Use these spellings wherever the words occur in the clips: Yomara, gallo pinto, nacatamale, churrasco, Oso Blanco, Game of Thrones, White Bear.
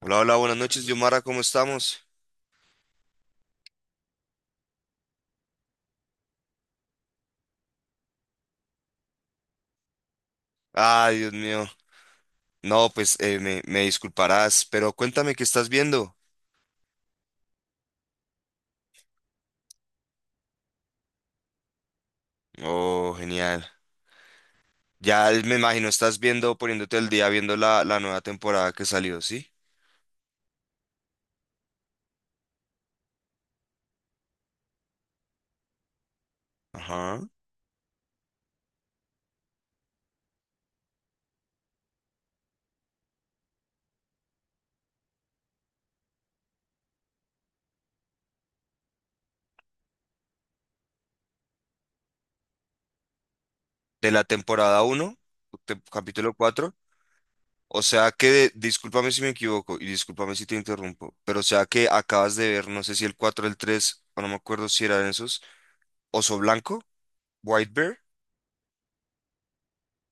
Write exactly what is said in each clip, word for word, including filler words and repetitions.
Hola, hola, buenas noches, Yomara, ¿cómo estamos? Ay, Dios mío. No, pues eh, me, me disculparás, pero cuéntame qué estás viendo. Oh, genial. Ya me imagino, estás viendo, poniéndote el día, viendo la, la nueva temporada que salió, ¿sí? Ajá. De la temporada uno te- capítulo cuatro. O sea que, discúlpame si me equivoco y discúlpame si te interrumpo, pero o sea que acabas de ver, no sé si el cuatro el tres o no me acuerdo si eran esos, Oso Blanco, White Bear.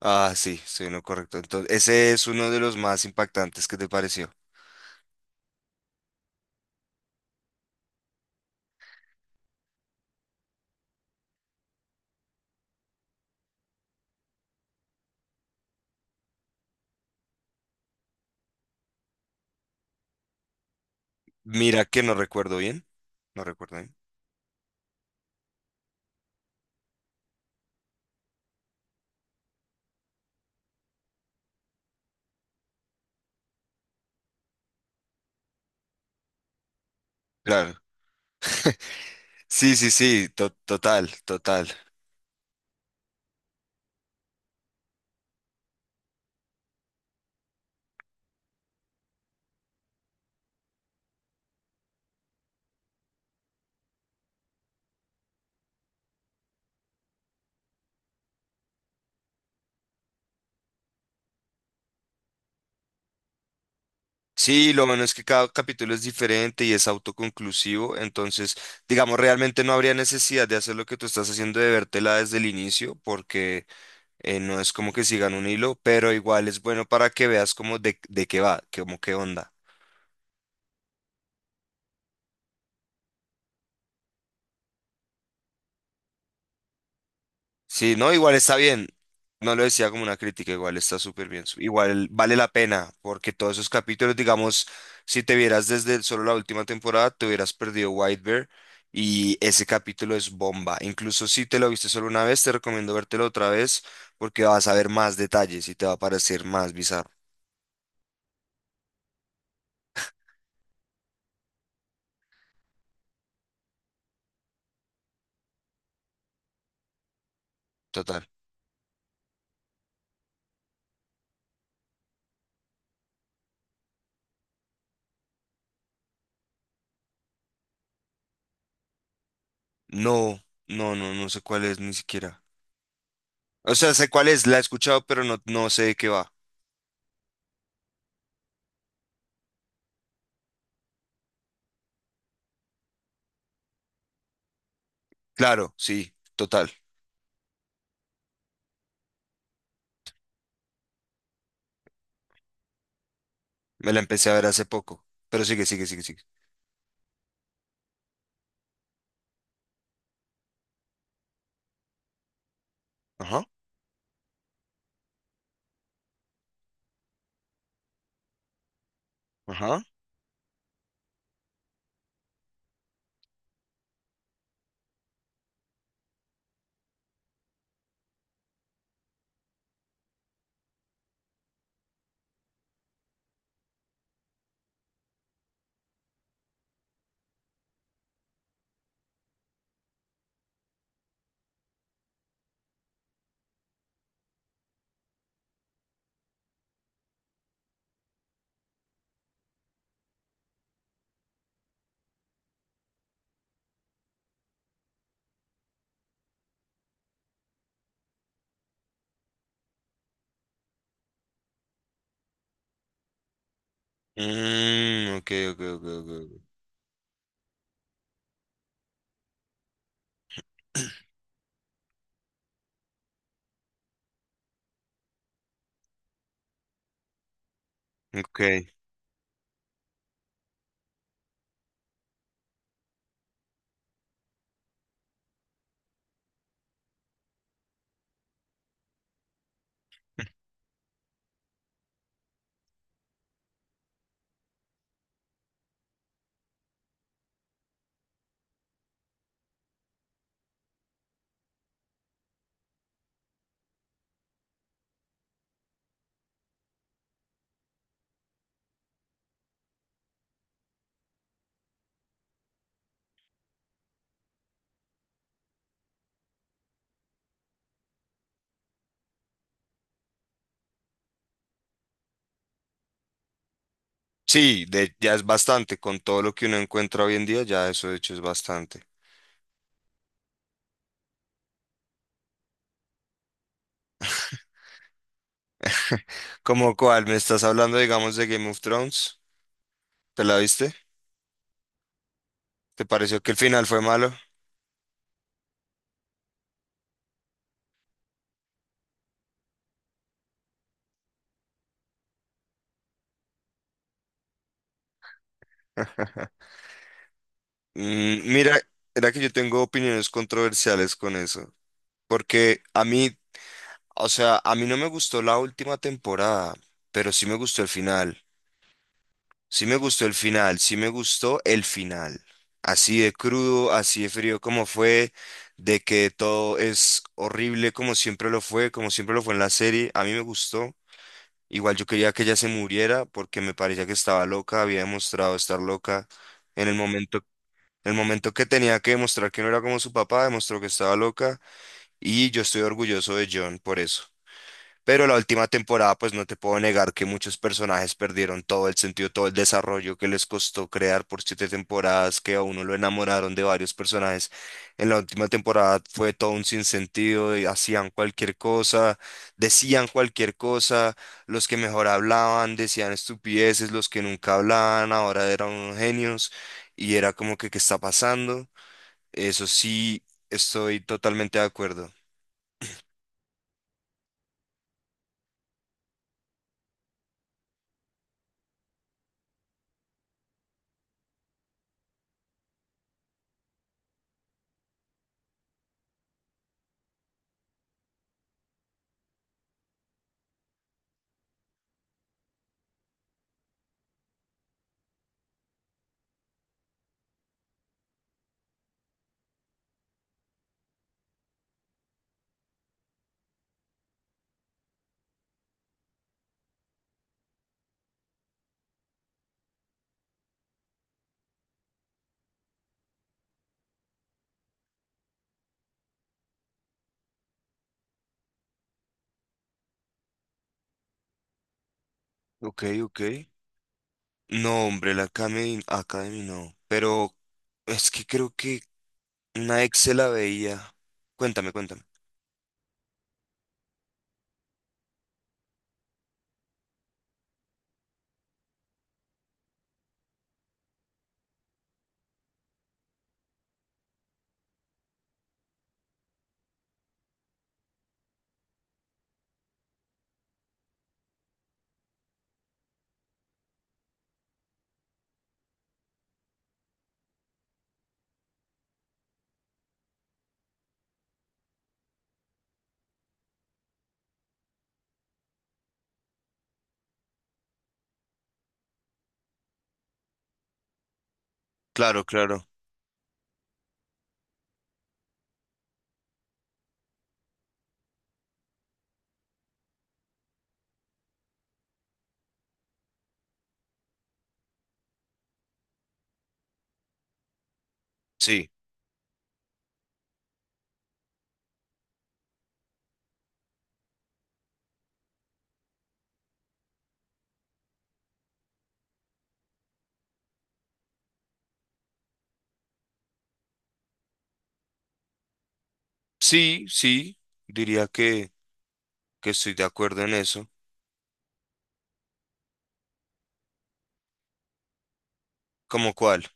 Ah, sí, estoy en lo correcto. Entonces, ese es uno de los más impactantes. ¿Qué te pareció? Mira que no recuerdo bien. No recuerdo bien. Claro. Sí, sí, sí, to- total, total. Sí, lo bueno es que cada capítulo es diferente y es autoconclusivo, entonces, digamos, realmente no habría necesidad de hacer lo que tú estás haciendo de vértela desde el inicio, porque eh, no es como que sigan un hilo, pero igual es bueno para que veas como de, de qué va, como qué onda. Sí, no, igual está bien. No lo decía como una crítica, igual está súper bien. su- Igual vale la pena, porque todos esos capítulos, digamos, si te vieras desde solo la última temporada, te hubieras perdido White Bear y ese capítulo es bomba. Incluso si te lo viste solo una vez, te recomiendo vértelo otra vez porque vas a ver más detalles y te va a parecer más bizarro. Total. No, no, no, no sé cuál es ni siquiera. O sea, sé cuál es, la he escuchado, pero no, no sé de qué va. Claro, sí, total. Me la empecé a ver hace poco, pero sigue, sigue, sigue, sigue. Ajá, ajá. Mm, ok, ok, ok, ok. Ok. Ok. Sí, de- ya es bastante. Con todo lo que uno encuentra hoy en día, ya eso de hecho es bastante. ¿Cómo cuál? ¿Me estás hablando, digamos, de Game of Thrones? ¿Te la viste? ¿Te pareció que el final fue malo? Mm, mira, era que yo tengo opiniones controversiales con eso, porque a mí, o sea, a mí no me gustó la última temporada, pero sí me gustó el final. Sí me gustó el final, sí me gustó el final. Así de crudo, así de frío como fue, de que todo es horrible como siempre lo fue, como siempre lo fue en la serie, a mí me gustó. Igual yo quería que ella se muriera porque me parecía que estaba loca, había demostrado estar loca. En el momento, en el momento que tenía que demostrar que no era como su papá, demostró que estaba loca y yo estoy orgulloso de John por eso. Pero la última temporada, pues no te puedo negar que muchos personajes perdieron todo el sentido, todo el desarrollo que les costó crear por siete temporadas, que a uno lo enamoraron de varios personajes. En la última temporada fue todo un sinsentido, y hacían cualquier cosa, decían cualquier cosa, los que mejor hablaban decían estupideces, los que nunca hablaban ahora eran unos genios, y era como que, ¿qué está pasando? Eso sí, estoy totalmente de acuerdo. Ok, ok. No, hombre, la Academy, Academy no. Pero es que creo que una ex se la veía. Cuéntame, cuéntame. Claro, claro. Sí, sí, sí. Diría que, que estoy de acuerdo en eso. ¿Cómo cuál?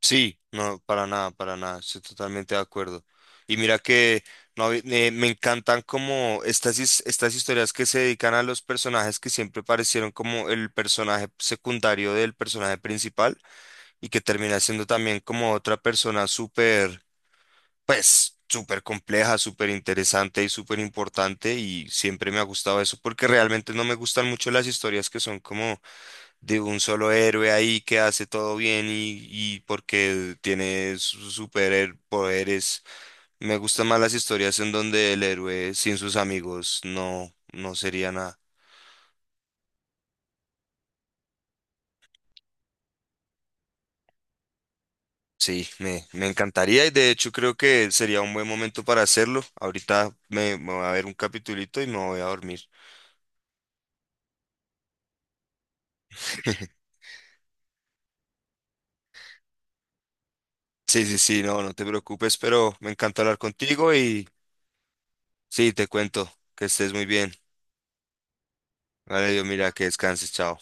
Sí, no, para nada, para nada. Estoy totalmente de acuerdo. Y mira que no, hab- eh, me encantan como estas, his- estas historias que se dedican a los personajes que siempre parecieron como el personaje secundario del personaje principal, y que termina siendo también como otra persona súper, pues, súper compleja, súper interesante y súper importante y siempre me ha gustado eso porque realmente no me gustan mucho las historias que son como de un solo héroe ahí que hace todo bien y, y porque tiene sus superpoderes. Me gustan más las historias en donde el héroe sin sus amigos no, no sería nada. Sí, me, me encantaría y de hecho creo que sería un buen momento para hacerlo. Ahorita me, me voy a ver un capitulito y me voy a dormir. Sí, sí, sí, no, no te preocupes, pero me encanta hablar contigo y sí, te cuento que estés muy bien. Vale, Dios, mira, que descanses, chao.